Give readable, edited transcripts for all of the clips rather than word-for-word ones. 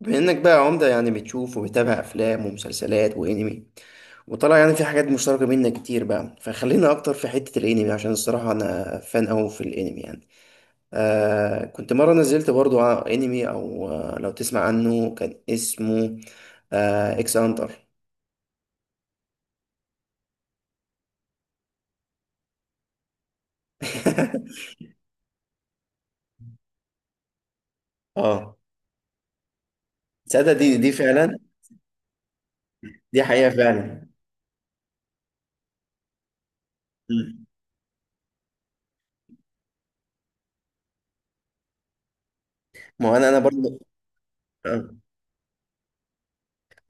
بما انك بقى عمدة يعني بتشوف وبتابع افلام ومسلسلات وانمي، وطلع يعني في حاجات مشتركة بينا كتير بقى، فخلينا اكتر في حتة الانمي عشان الصراحة انا فان اوي في الانمي يعني. كنت مرة نزلت برضو على انمي، او لو تسمع عنه، كان اسمه اكس هانتر. اه، تصدق دي فعلا. دي حقيقة فعلا. مم. ما هو انا برضو آه.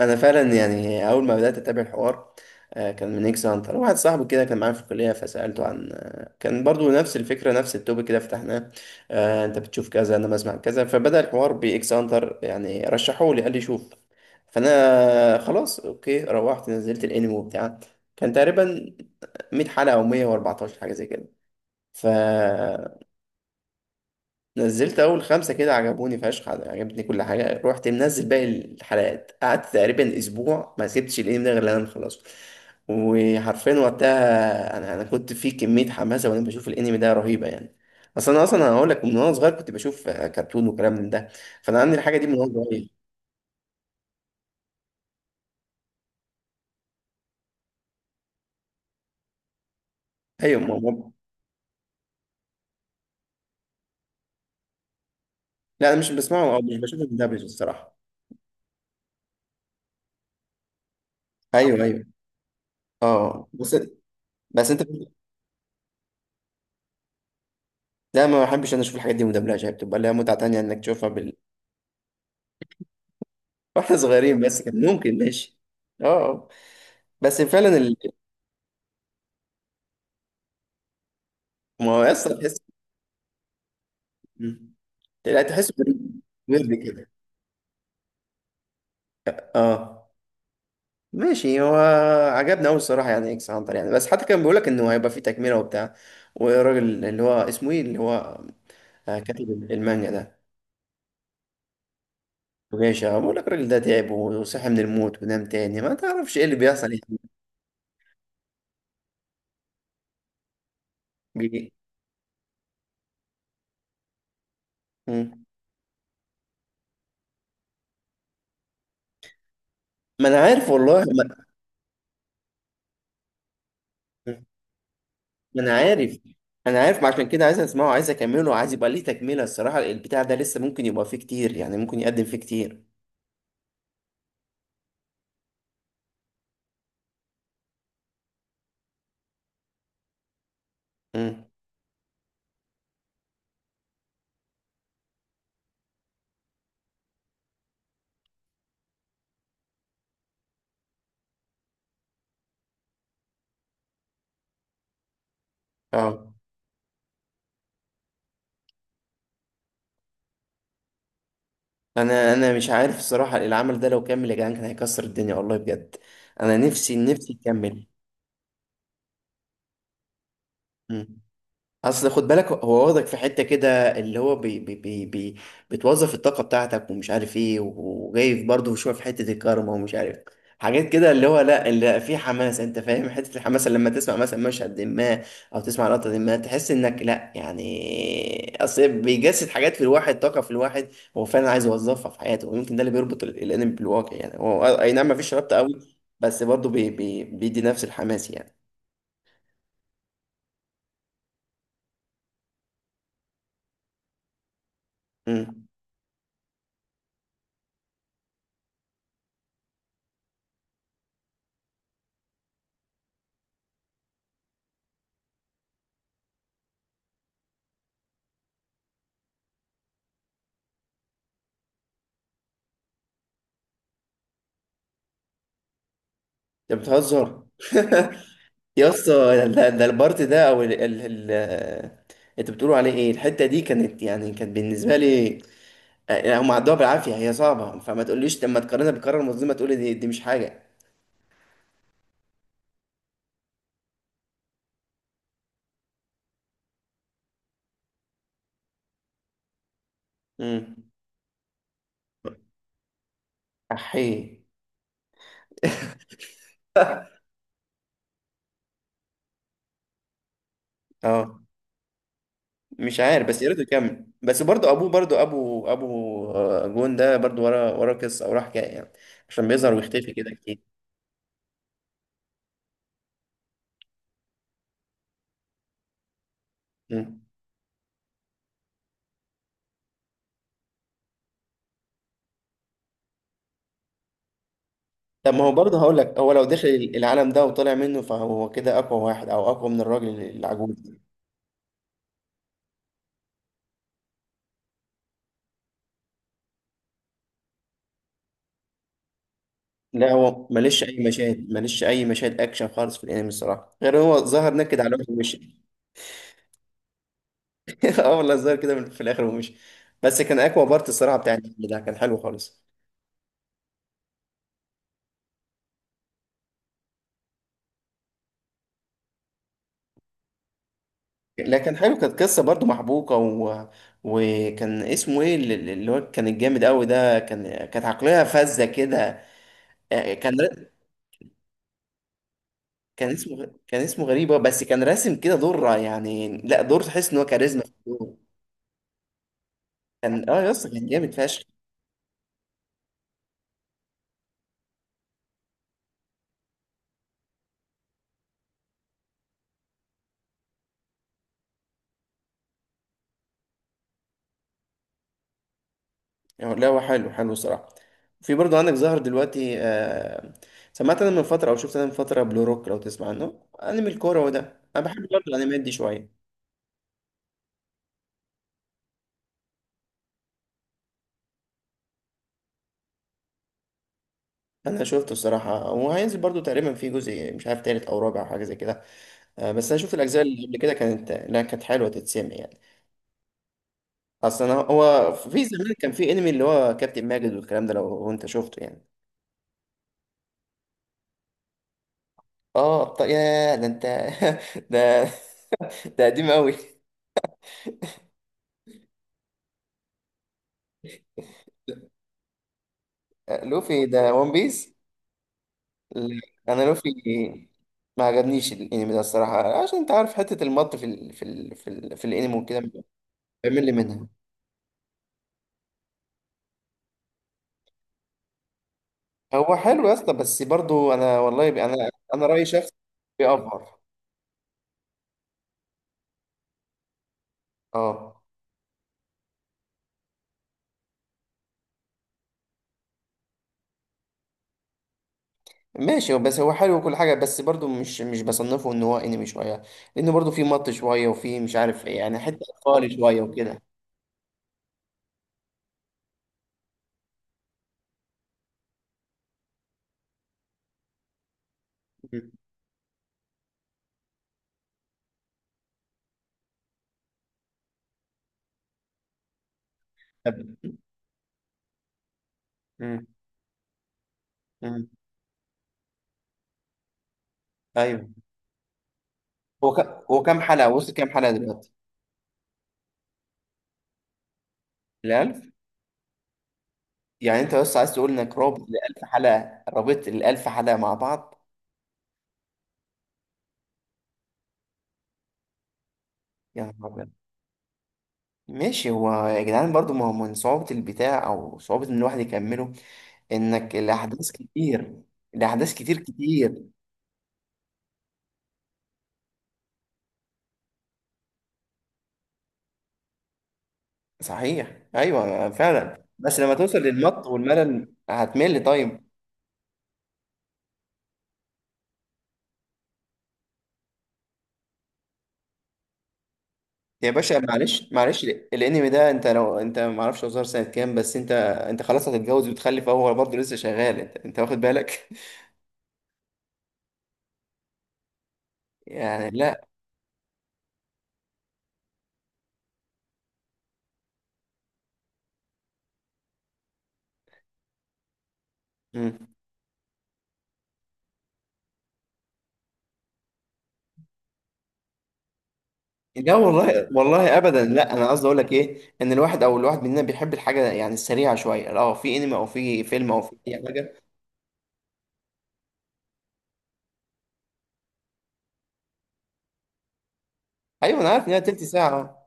انا فعلا يعني اول ما بدات اتابع الحوار، كان من اكس هانتر. واحد صاحبي كده كان معايا في الكليه، فسالته عن، كان برضو نفس الفكره، نفس التوبيك كده فتحناه. انت بتشوف كذا، انا بسمع كذا. فبدا الحوار باكس هانتر، يعني رشحوه لي قال لي شوف. فانا خلاص، اوكي روحت نزلت الانمي وبتاع. كان تقريبا 100 حلقه او 114 حاجه زي كده. ف نزلت اول خمسه كده، عجبوني فشخ، عجبتني كل حاجه. رحت منزل باقي الحلقات، قعدت تقريبا اسبوع ما سبتش الانمي ده غير لما نخلصه. وحرفيا وقتها انا كنت في كميه حماسه وانا بشوف الانمي ده رهيبه يعني. اصلا انا اصلا هقول لك، من وانا صغير كنت بشوف كرتون وكلام من ده، فانا عندي الحاجه دي من وانا صغير. ايوه، لا انا مش بسمعه او مش بشوفه مدبلج الصراحه. ايوه ايوه. اه بس. بس انت، لا ما بحبش انا اشوف الحاجات دي مدبلجه، هي بتبقى لها متعه تانيه انك تشوفها. واحنا صغيرين بس كان ممكن، ماشي. اه آه. بس فعلا ما هو اصلا تحس. مم. لا تحس، ورد كده. اه، ماشي هو. عجبنا قوي الصراحه يعني اكس هانتر يعني. بس حتى كان بيقول لك انه هيبقى فيه تكمله وبتاع، والراجل اللي هو اسمه ايه، اللي هو كاتب المانجا ده، وجيشة، بقول لك الراجل ده تعب وصحي من الموت ونام تاني، ما تعرفش ايه اللي بيحصل يعني. بي- مم. ما انا عارف والله. ما... ما انا عارف. انا عارف، ما عشان كده عايز اسمعه، عايز اكمله، عايز يبقى ليه تكمله الصراحه. البتاع ده لسه ممكن يبقى فيه كتير يعني، ممكن يقدم فيه كتير. امم. اه. انا مش عارف الصراحه، العمل ده لو كمل يا جدعان كان هيكسر الدنيا والله بجد. انا نفسي نفسي يكمل. مم. اصل خد بالك، هو واخدك في حته كده اللي هو بي بي بي بي بتوظف الطاقه بتاعتك ومش عارف ايه، وجاي برضه شويه في حته الكارما ومش عارف حاجات كده، اللي هو لا، اللي في حماس انت فاهم. حته الحماس اللي لما تسمع مثلا مشهد ما، او تسمع لقطه ما، تحس انك لا يعني. اصل بيجسد حاجات في الواحد، طاقه في الواحد هو فعلا عايز يوظفها في حياته. ويمكن ده اللي بيربط الانمي بالواقع يعني. هو اي نعم، مفيش ربط قوي، بس برضه بي بي بيدي نفس الحماس يعني. امم. انت بتهزر. يا اسطى، ده البارت ده، او ال ال ال انت بتقولوا عليه ايه، الحته دي كانت يعني كانت بالنسبه لي، يعني هم عدوها بالعافيه هي صعبه، فما تقوليش لما تقارنها بالقرار المنظمه تقولي دي مش حاجه. امم. احي. اه، مش عارف بس يا ريت يكمل. بس برضه ابوه، برضه ابو جون ده برضه ورا قصه او حكايه يعني. عشان بيظهر ويختفي كده كتير. مم. طب ما هو برضه هقول لك، هو لو دخل العالم ده وطلع منه، فهو كده اقوى واحد، او اقوى من الراجل العجوز. لا، هو ماليش اي مشاهد، ماليش اي مشاهد اكشن خالص في الانمي الصراحه، غير هو ظهر نكد على وشه ومشي. اه والله، ظهر كده في الاخر ومشي. بس كان اقوى بارت الصراحه، بتاع الانمي ده كان حلو خالص. لا كان حلو، كانت قصه برضو محبوكه وكان اسمه ايه، اللي هو كان الجامد قوي ده، كانت عقليه فذه كده. آه، كان ر... كان اسمه غريبه، بس كان راسم كده دور يعني، لا دور تحس ان هو كاريزما في الدور. كان اه، يا اسطى كان جامد فشخ يعني. لا هو حلو حلو الصراحة. في برضه عندك ظهر دلوقتي آه، سمعت انا من فترة، او شفت انا من فترة، بلو روك، لو تسمع عنه، انمي الكورة وده. انا بحب برضه الانميات دي شوية. انا شفته الصراحة، وهينزل برضه تقريبا في جزء مش عارف تالت او رابع او حاجة زي كده. آه، بس انا شفت الاجزاء اللي قبل كده كانت، لا كانت حلوة تتسمع يعني. اصلا هو في زمان كان في انمي اللي هو كابتن ماجد والكلام ده لو انت شفته يعني. اه طيب، يا ده انت. ده، ده قديم قوي. لوفي ده ون بيس. لا، انا لوفي ما عجبنيش الانمي ده الصراحه، عشان انت عارف حته المط في الانمي وكده، بيعمل لي منها. هو حلو يا اسطى، بس برضو انا والله انا رايي شخص بيأفور. اه، ماشي، بس هو حلو وكل حاجه، بس برضو مش بصنفه ان هو انمي شويه، لانه برضو في مط شويه، وفي مش عارف ايه يعني حته اطفالي شويه وكده. مم. طب. مم. مم. ايوه. هو ك... هو كام حلقه، وصل كام حلقه دلوقتي؟ ال1000؟ يعني انت بس عايز تقول انك رابط الالف حلقه، رابط الالف حلقه مع بعض. يا نهار ابيض. ماشي هو يا جدعان، برضو ما هو من صعوبه البتاع، او صعوبه ان الواحد يكمله، انك الاحداث كتير. الاحداث كتير كتير. صحيح، ايوه فعلا. بس لما توصل للمط والملل هتمل. طيب يا باشا، معلش معلش الانمي ده انت لو انت، ما اعرفش هو ظهر سنه كام، بس انت، انت خلاص هتتجوز وتخلف هو برضه لسه شغال. انت واخد بالك؟ يعني لا. لا والله والله ابدا، لا انا قصدي اقول لك ايه، ان الواحد، او الواحد مننا بيحب الحاجه يعني السريعه شويه. اه، في انمي او في فيلم او في اي حاجه. ايوه انا عارف ان هي تلت ساعه آه.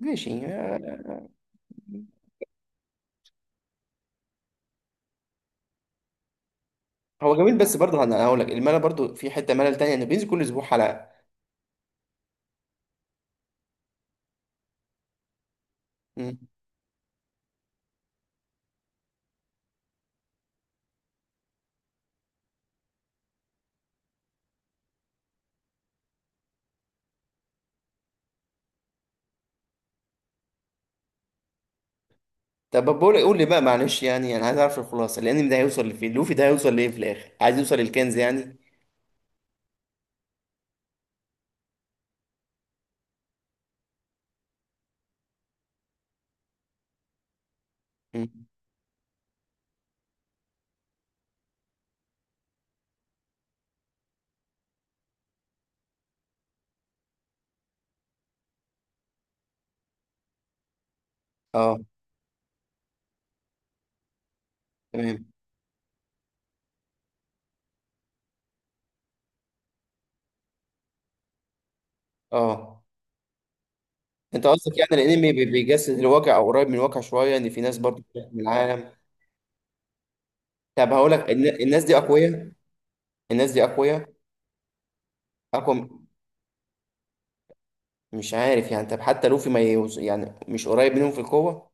ماشي آه. هو جميل، بس برضه انا هقول لك الملل برضه، في حته ملل تانية انه بينزل كل اسبوع حلقه. مم. طب بقول لك، قول لي بقى معلش، يعني انا عايز اعرف الخلاصه. الانمي ده هيوصل لفين؟ لوفي ده هيوصل لايه في الاخر؟ عايز يوصل للكنز يعني؟ مم. اه. تمام. اه. انت قصدك يعني الانمي بيجسد الواقع، او قريب من الواقع شويه، ان في ناس برضه بتحكم العالم. طب هقول لك، الناس دي اقوياء؟ الناس دي اقوياء؟ اقوى مش عارف يعني. طب حتى لوفي ما يوز... يعني مش قريب منهم في القوه.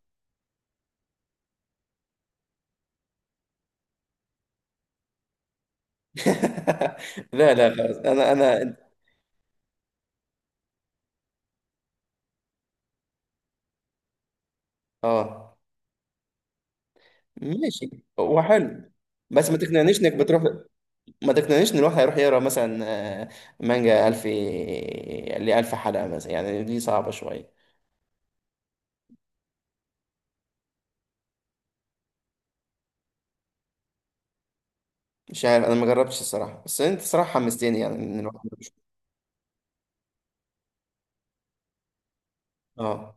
لا لا خلاص انا. اه. ماشي، هو حلو بس ما تقنعنيش انك بتروح. ما تقنعنيش ان الواحد هيروح يقرا مثلا، آه، مانجا 1000، ل 1000 حلقه مثلا، يعني دي صعبه شويه. مش عارف انا، ما جربتش الصراحه، بس انت صراحه حمستني يعني ان الواحد يشوف. اه،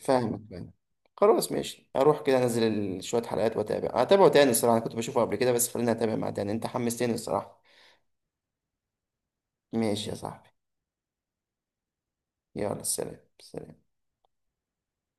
فاهمك فاهمك. خلاص ماشي، اروح كده انزل شويه حلقات واتابع. هتابعه تاني الصراحه، انا كنت بشوفه قبل كده بس خليني اتابع مع تاني، انت حمستني الصراحه. ماشي يا صاحبي. يلا سلام سلام.